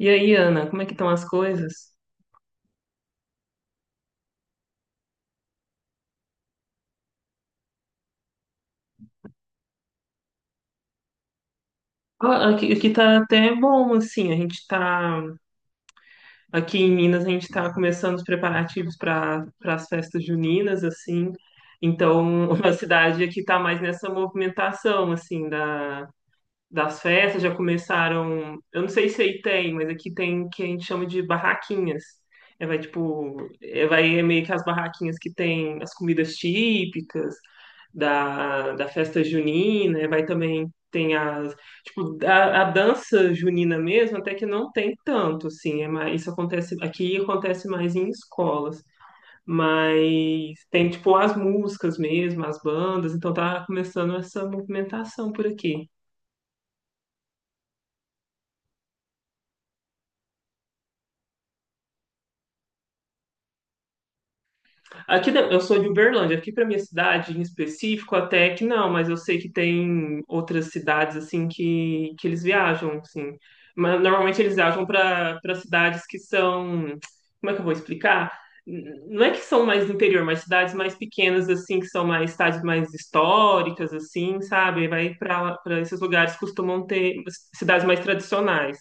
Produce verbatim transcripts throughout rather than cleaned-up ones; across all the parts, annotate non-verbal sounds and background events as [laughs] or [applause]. E aí, Ana, como é que estão as coisas? Ah, Aqui, aqui tá até bom, assim, a gente tá, aqui em Minas, a gente tá começando os preparativos para para as festas juninas, assim, então [laughs] a cidade aqui tá mais nessa movimentação, assim, da, das festas já começaram. Eu não sei se aí tem, mas aqui tem o que a gente chama de barraquinhas. É, vai tipo, é, vai é meio que as barraquinhas que tem as comidas típicas da, da festa junina, é, vai também tem as tipo a, a dança junina mesmo, até que não tem tanto assim, é mais, isso acontece aqui acontece mais em escolas. Mas tem tipo as músicas mesmo, as bandas, então tá começando essa movimentação por aqui. Aqui da- eu sou de Uberlândia, aqui para minha cidade em específico até que não, mas eu sei que tem outras cidades assim que, que eles viajam, assim. Mas normalmente eles viajam para para cidades que são, como é que eu vou explicar? N- Não é que são mais do interior, mas cidades mais pequenas assim, que são mais cidades mais históricas assim, sabe? Vai para para esses lugares costumam ter cidades mais tradicionais,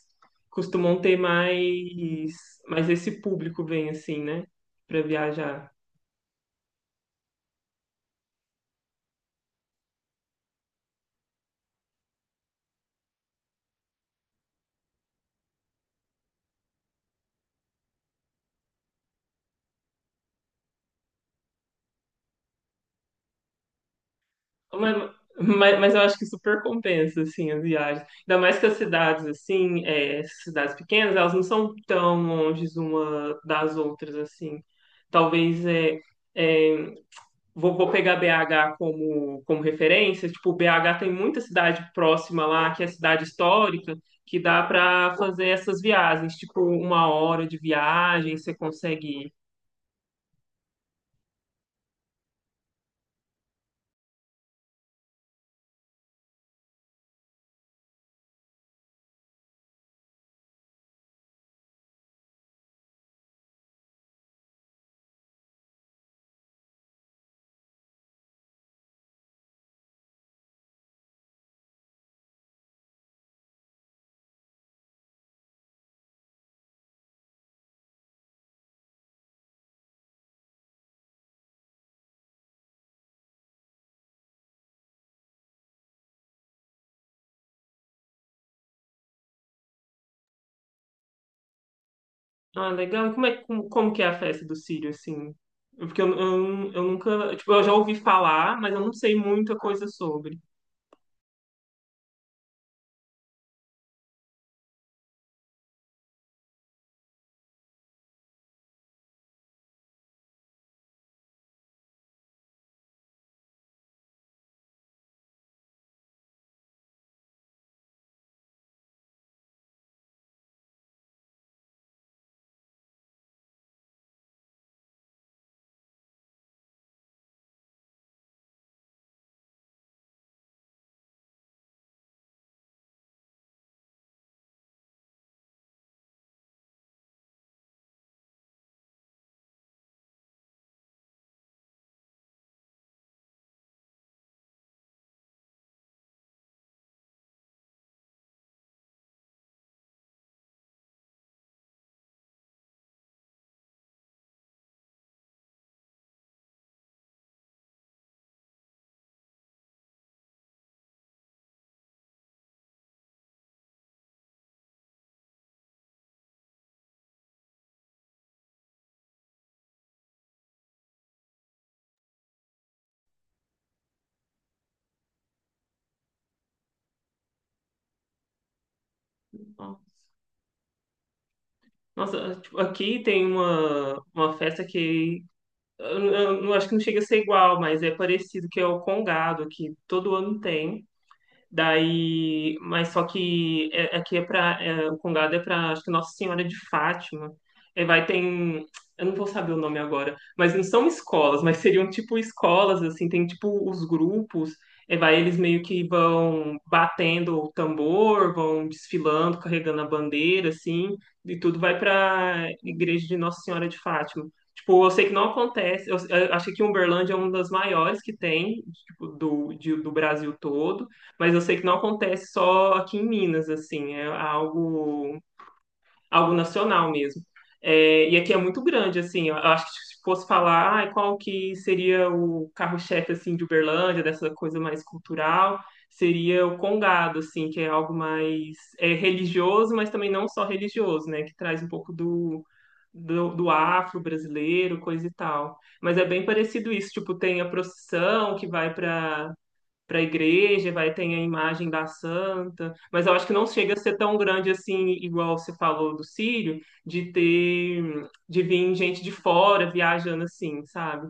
costumam ter mais mais esse público vem assim, né? Para viajar. Mas, mas, mas eu acho que super compensa, assim, as viagens. Ainda mais que as cidades, assim, é, essas cidades pequenas, elas não são tão longe uma das outras, assim. Talvez, é, é, vou, vou pegar B H como, como referência. Tipo, B H tem muita cidade próxima lá, que é cidade histórica, que dá para fazer essas viagens. Tipo, uma hora de viagem, você consegue. Ah, legal. E como é, como, como que é a festa do Círio, assim? Porque eu, eu, eu nunca, tipo, eu já ouvi falar, mas eu não sei muita coisa sobre. Nossa, tipo, aqui tem uma, uma festa que eu, eu, eu acho que não chega a ser igual, mas é parecido, que é o Congado, que todo ano tem. Daí, mas só que é- aqui é para o Congado é para acho que Nossa Senhora de Fátima. Aí vai tem, eu não vou saber o nome agora, mas não são escolas, mas seriam tipo escolas assim, tem tipo os grupos. Aí vai eles meio que vão batendo o tambor, vão desfilando, carregando a bandeira assim, e tudo vai para Igreja de Nossa Senhora de Fátima. Tipo, eu sei que não acontece. Eu, eu achei que Uberlândia é uma das maiores que tem, tipo, do, de- do Brasil todo. Mas eu sei que não acontece só aqui em Minas, assim, é algo, algo nacional mesmo. É, e aqui é muito grande, assim, eu acho que se fosse falar, ai, qual que seria o carro-chefe, assim, de Uberlândia, dessa coisa mais cultural, seria o congado, assim, que é algo mais é, religioso, mas também não só religioso, né, que traz um pouco do, do, do afro-brasileiro, coisa e tal. Mas é bem parecido isso, tipo, tem a procissão que vai para para a igreja, vai ter a imagem da santa, mas eu acho que não chega a ser tão grande assim, igual você falou do Círio de ter, de vir gente de fora viajando assim, sabe?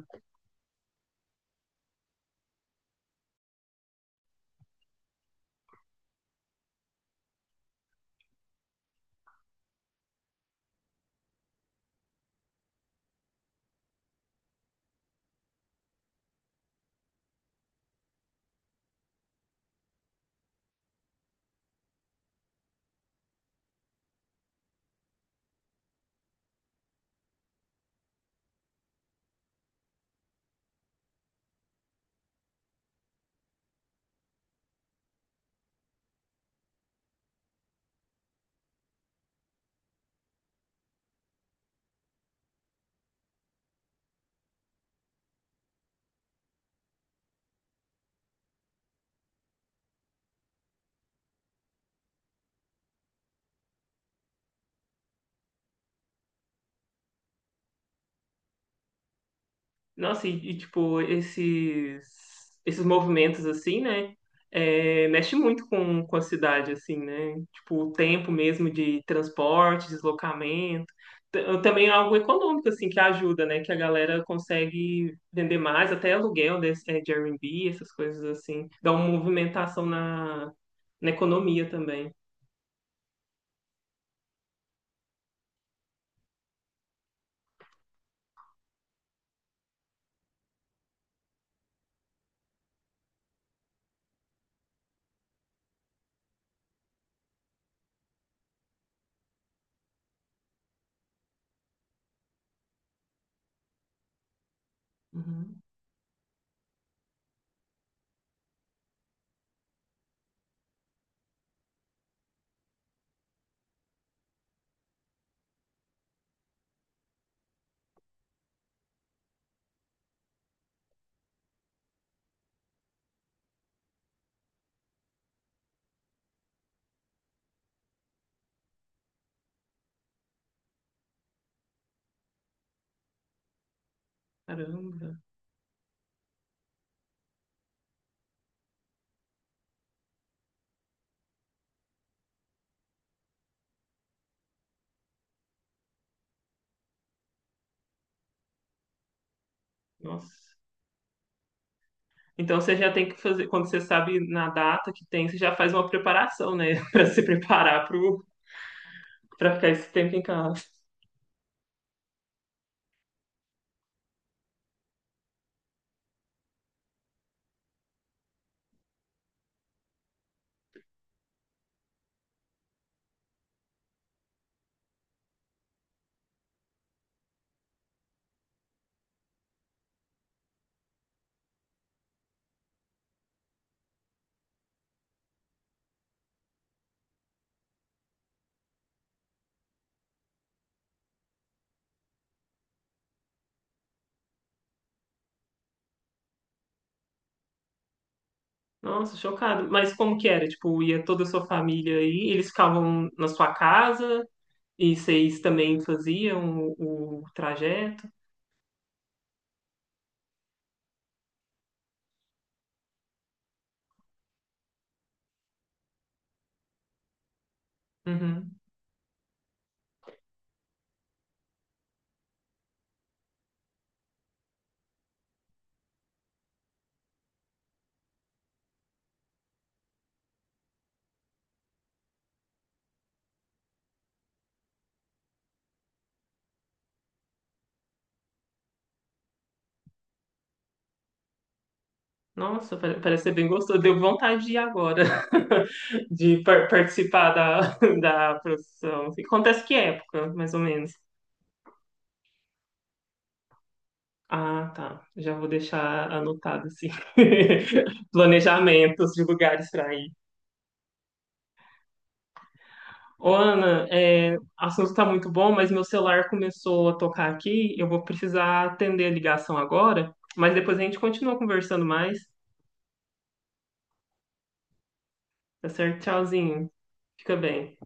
Nossa, e, e, tipo, esses, esses movimentos, assim, né? É, mexe muito com, com a cidade, assim, né? Tipo, o tempo mesmo de transporte, deslocamento. T- Também é algo econômico, assim, que ajuda, né? Que a galera consegue vender mais, até aluguel desse, é, de Airbnb, essas coisas assim. Dá uma movimentação na, na economia também. Uhum. Caramba, nossa. Então você já tem que fazer, quando você sabe na data que tem, você já faz uma preparação, né? [laughs] Pra se preparar pro, pra ficar esse tempo em casa. Nossa, chocado. Mas como que era? Tipo, ia toda a sua família aí, eles ficavam na sua casa e vocês também faziam o, o trajeto? Uhum. Nossa, pare- parece ser bem gostoso. Deu vontade de ir agora, [laughs] de par- participar da, [laughs] da profissão. Acontece que é época, mais ou menos? Ah, tá. Já vou deixar anotado, assim. [laughs] Planejamentos de lugares para ir. Ô, Ana, é, o assunto tá muito bom, mas meu celular começou a tocar aqui. Eu vou precisar atender a ligação agora, mas depois a gente continua conversando mais. Tá certo? Tchauzinho. Fica bem.